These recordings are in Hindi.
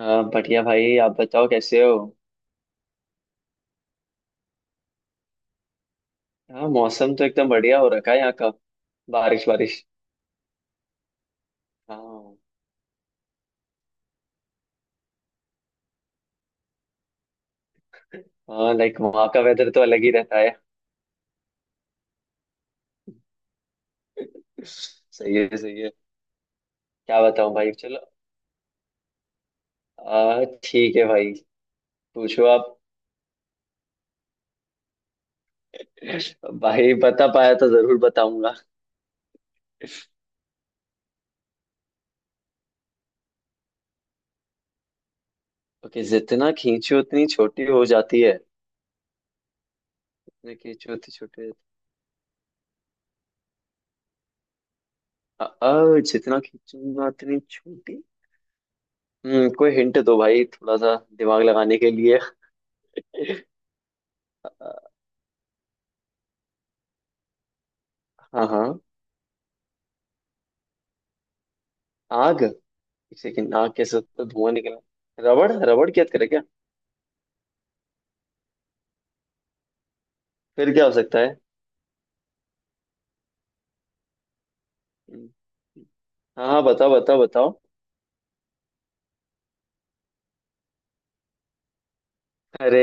हाँ, बढ़िया भाई। आप बताओ कैसे हो? हाँ, मौसम तो एकदम बढ़िया हो रखा है यहाँ का। बारिश बारिश। हाँ। हाँ, लाइक वहाँ का वेदर तो अलग ही रहता है। सही है सही है। क्या बताऊँ भाई। चलो। ठीक है भाई। पूछो आप। भाई, बता पाया तो जरूर बताऊंगा। ओके। जितना खींचो उतनी छोटी हो जाती है। जितना खींचो उतनी छोटी। आ, आ, जितना खींचूंगा उतनी छोटी। कोई हिंट दो भाई, थोड़ा सा दिमाग लगाने के लिए। आ, हाँ हाँ। आग। किसी की नाक के से तो धुआं निकला। रबड़ रबड़ की याद करे क्या? फिर क्या हो सकता है? हम्म, हाँ हाँ, बताओ बताओ बताओ। अरे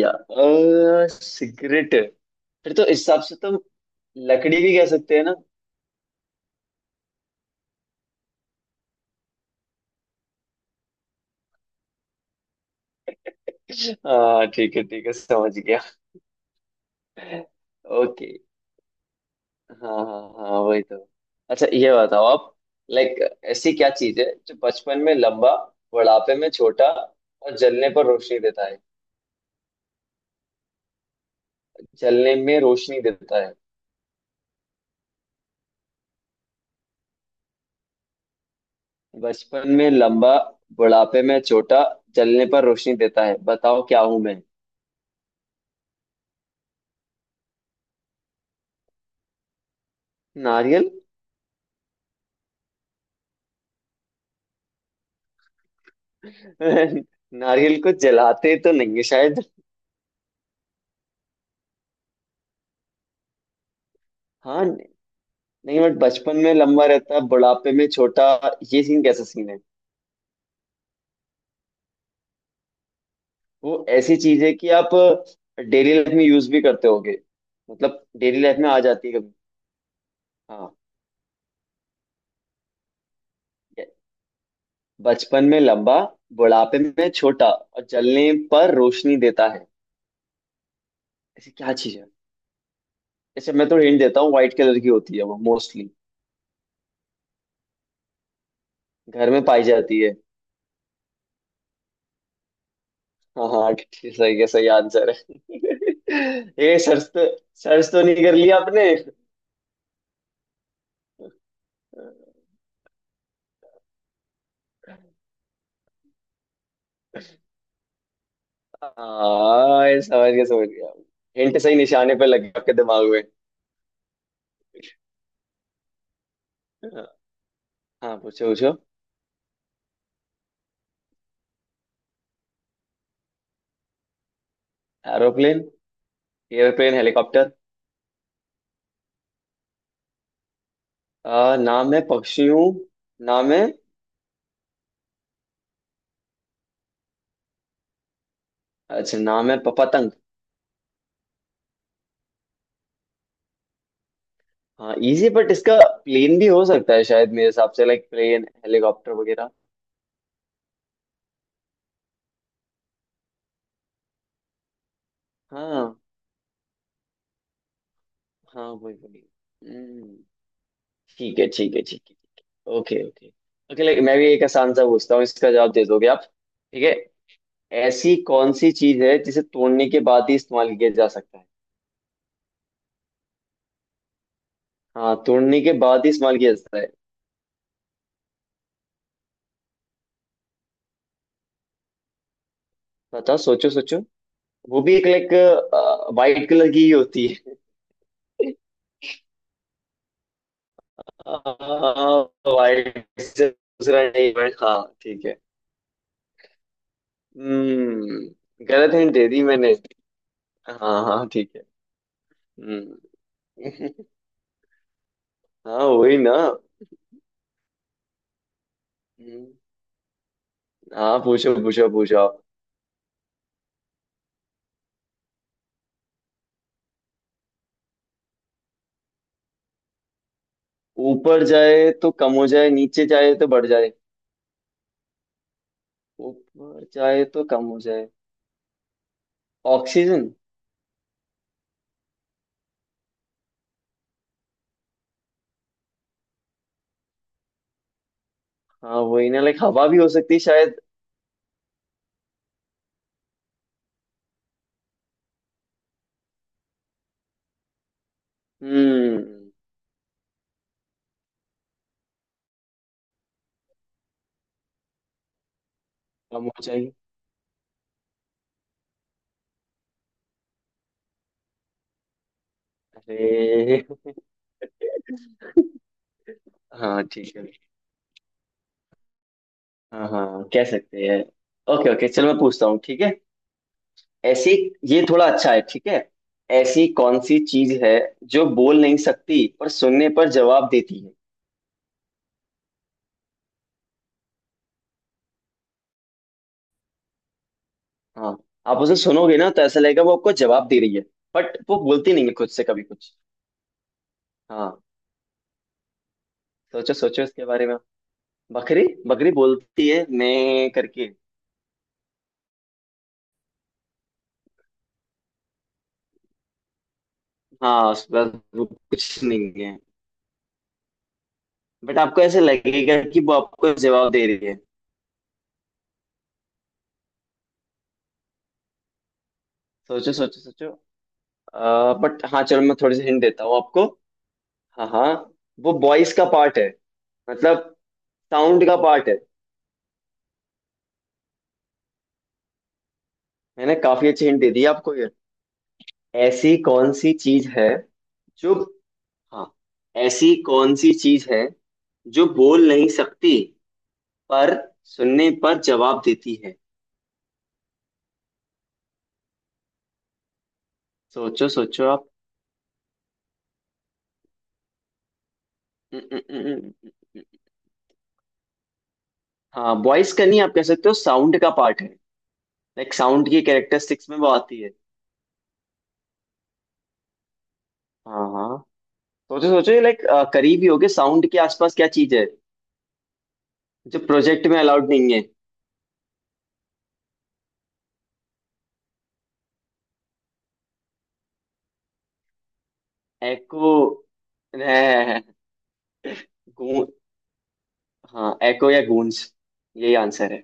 यार, सिगरेट। फिर तो इस हिसाब से तो। लकड़ी भी कह सकते हैं ना। हाँ ठीक है ठीक है, समझ गया। ओके। हाँ हाँ। हाँ वही तो। अच्छा, ये बताओ आप। लाइक। ऐसी क्या चीज है जो बचपन में लंबा, बुढ़ापे में छोटा, और जलने पर रोशनी देता है? जलने में रोशनी देता है। बचपन में लंबा, बुढ़ापे में छोटा, जलने पर रोशनी देता है। बताओ क्या हूं मैं? नारियल? नारियल को जलाते तो नहीं है शायद। हाँ। नहीं, बट बचपन में लंबा रहता है बुढ़ापे में छोटा। ये सीन कैसा सीन है? वो ऐसी चीज है कि आप डेली लाइफ में यूज भी करते होगे। मतलब डेली लाइफ में आ जाती है कभी। हाँ। ये- बचपन में लंबा, बुढ़ापे में छोटा और जलने पर रोशनी देता है। ऐसी क्या चीज है? जैसे मैं तो हिंट देता हूँ, व्हाइट कलर की होती है वो मोस्टली। घर में पाई जाती है। हाँ हाँ सही है, सही आंसर है। ये सर्च तो। सर्च तो नहीं कर लिया आपने? हाँ, ये समझ गया समझ गया। हिंट सही निशाने पे लग गया आपके दिमाग में। हाँ, पूछो पूछो। एरोप्लेन। Airplane, helicopter. नाम है पक्षियों। नाम है। अच्छा नाम है, पतंग। हाँ इजी बट इसका। प्लेन भी हो सकता है शायद मेरे हिसाब से, लाइक प्लेन हेलीकॉप्टर वगैरह। हाँ हाँ, वही वही। हम्म, ठीक है ठीक है ठीक है ठीक है। Okay okay. ओके, लाइक मैं भी एक आसान सा पूछता हूँ, इसका जवाब दे दोगे आप? ठीक है। ऐसी कौन सी चीज है जिसे तोड़ने के बाद ही इस्तेमाल किया जा सकता है? हाँ, तोड़ने के बाद ही इस्तेमाल किया जाता है। बताओ, सोचो सोचो। वो भी एक लाइक। वाइट कलर की ही होती है। वाइट से दूसरा नहीं है, हाँ। ठीक है। गलत हिंट दे दी मैंने। हाँ हाँ ठीक है। हम्म। हाँ वही ना। हम्म। हाँ, पूछो पूछो पूछो आप। ऊपर जाए तो कम हो जाए, नीचे जाए तो बढ़ जाए। ऊपर जाए तो कम हो जाए। ऑक्सीजन। हाँ वही ना, लाइक हवा भी हो सकती है शायद। हम्म। कम हो जाए। अरे। हाँ, ठीक है। हाँ हाँ, कह सकते हैं। ओके ओके, चलो मैं पूछता हूँ, ठीक है। ऐसी। ये थोड़ा अच्छा है, ठीक है। ऐसी कौन सी चीज है जो बोल नहीं सकती पर सुनने पर जवाब देती है? हाँ। आप उसे सुनोगे ना तो ऐसा लगेगा वो आपको जवाब दे रही है। बट वो बोलती नहीं है खुद से कभी कुछ। हाँ। सोचो सोचो इसके बारे में। बकरी बकरी बोलती है मैं करके। हाँ, उस बस वो कुछ नहीं है। बट आपको ऐसे लगेगा कि वो आपको जवाब दे रही है। सोचो सोचो सोचो। बट हाँ, चलो मैं थोड़ी सी हिंट देता हूँ आपको। हाँ हाँ। वो वॉइस का पार्ट है। मतलब साउंड का पार्ट है। मैंने काफी अच्छी हिंट दे दी आपको ये। ऐसी कौन सी चीज है जो। हाँ। ऐसी कौन सी चीज है जो बोल नहीं सकती पर सुनने पर जवाब देती है? सोचो सोचो आप। उम, उम, उम, उम, उम, उम। हाँ, वॉइस का नहीं, आप कह सकते हो साउंड का पार्ट है। लाइक साउंड की कैरेक्टरिस्टिक्स में वो आती है। हाँ हाँ। सोचो सोचो, ये लाइक। करीब ही होगे साउंड के आसपास, क्या चीज है जो प्रोजेक्ट में अलाउड नहीं है? एको है। गूं। हाँ, एको या गूंज। यही आंसर है।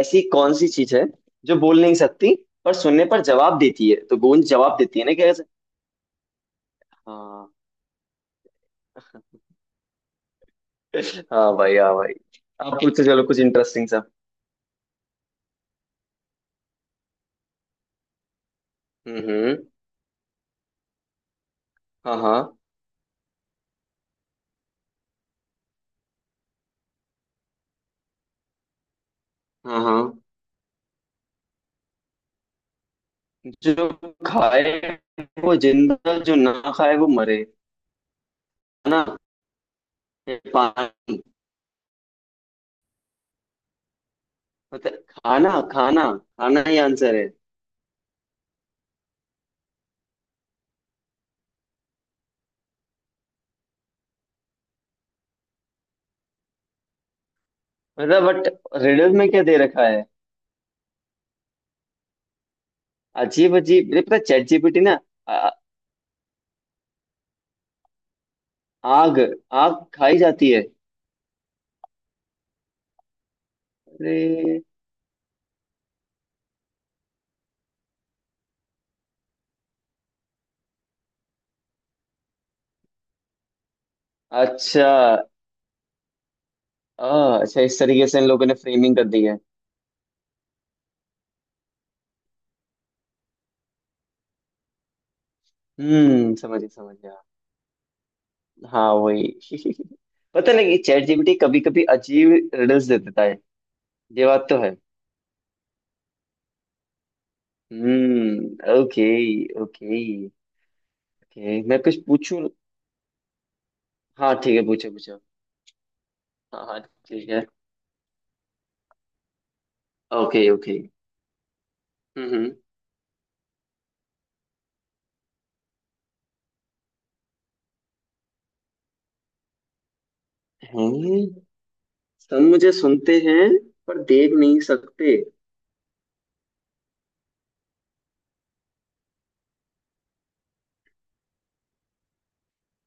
ऐसी कौन सी चीज है जो बोल नहीं सकती पर सुनने पर जवाब देती है? तो गूंज जवाब देती है ना, क्या ऐसे? हाँ। हाँ भाई हाँ भाई। आप पूछो, चलो कुछ इंटरेस्टिंग सा। हम्म। हाँ हाँ। हाँ हाँ। जो खाए वो जिंदा, जो ना खाए वो मरे। खाना या पानी। मतलब खाना खाना। खाना ही आंसर है। मतलब बट। रिडल में क्या दे रखा है? अजीब अजीब ये, पता, चैट जीपीटी ना। आ- आग। आग खाई जाती है। अरे। अच्छा। अच्छा, इस तरीके से इन लोगों ने फ्रेमिंग कर दी है। समझ गया समझ गया। हाँ वही। पता लगे चैट जीपीटी कभी कभी अजीब रिडल्स दे देता है। ये बात तो है। हम्म, ओके। ओके। ओके मैं कुछ पूछूं? हाँ ठीक है, पूछो पूछो। हाँ हाँ, ठीक है। Okay okay. हम्म हम्म। हैं? सब मुझे सुनते हैं पर देख नहीं सकते।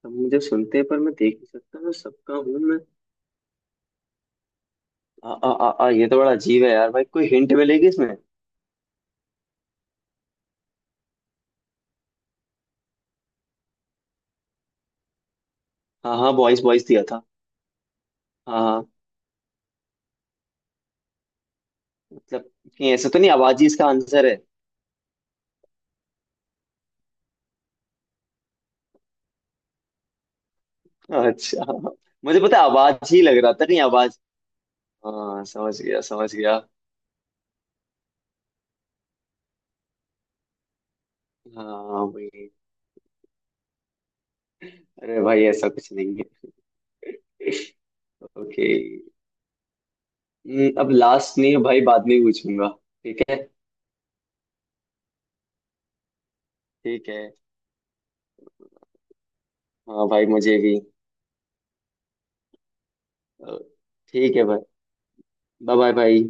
सब मुझे सुनते हैं पर मैं देख नहीं सकता, मैं सबका हूँ मैं। आ, आ, आ, आ, ये तो बड़ा अजीब है यार भाई, कोई हिंट मिलेगी इसमें? हाँ हाँ, बॉयज बॉयज दिया था। हाँ हाँ। मतलब। नहीं, ऐसा तो नहीं, आवाज ही इसका आंसर है। अच्छा। मुझे पता है, आवाज ही लग रहा था, नहीं आवाज। हाँ, समझ गया समझ गया। हाँ वही। अरे भाई, ऐसा कुछ नहीं है। ओके। अब लास्ट नहीं है भाई, बाद में पूछूंगा। ठीक है। ठीक है। हाँ भाई, मुझे भी। अ, ठीक है भाई। बाय बाय भाई।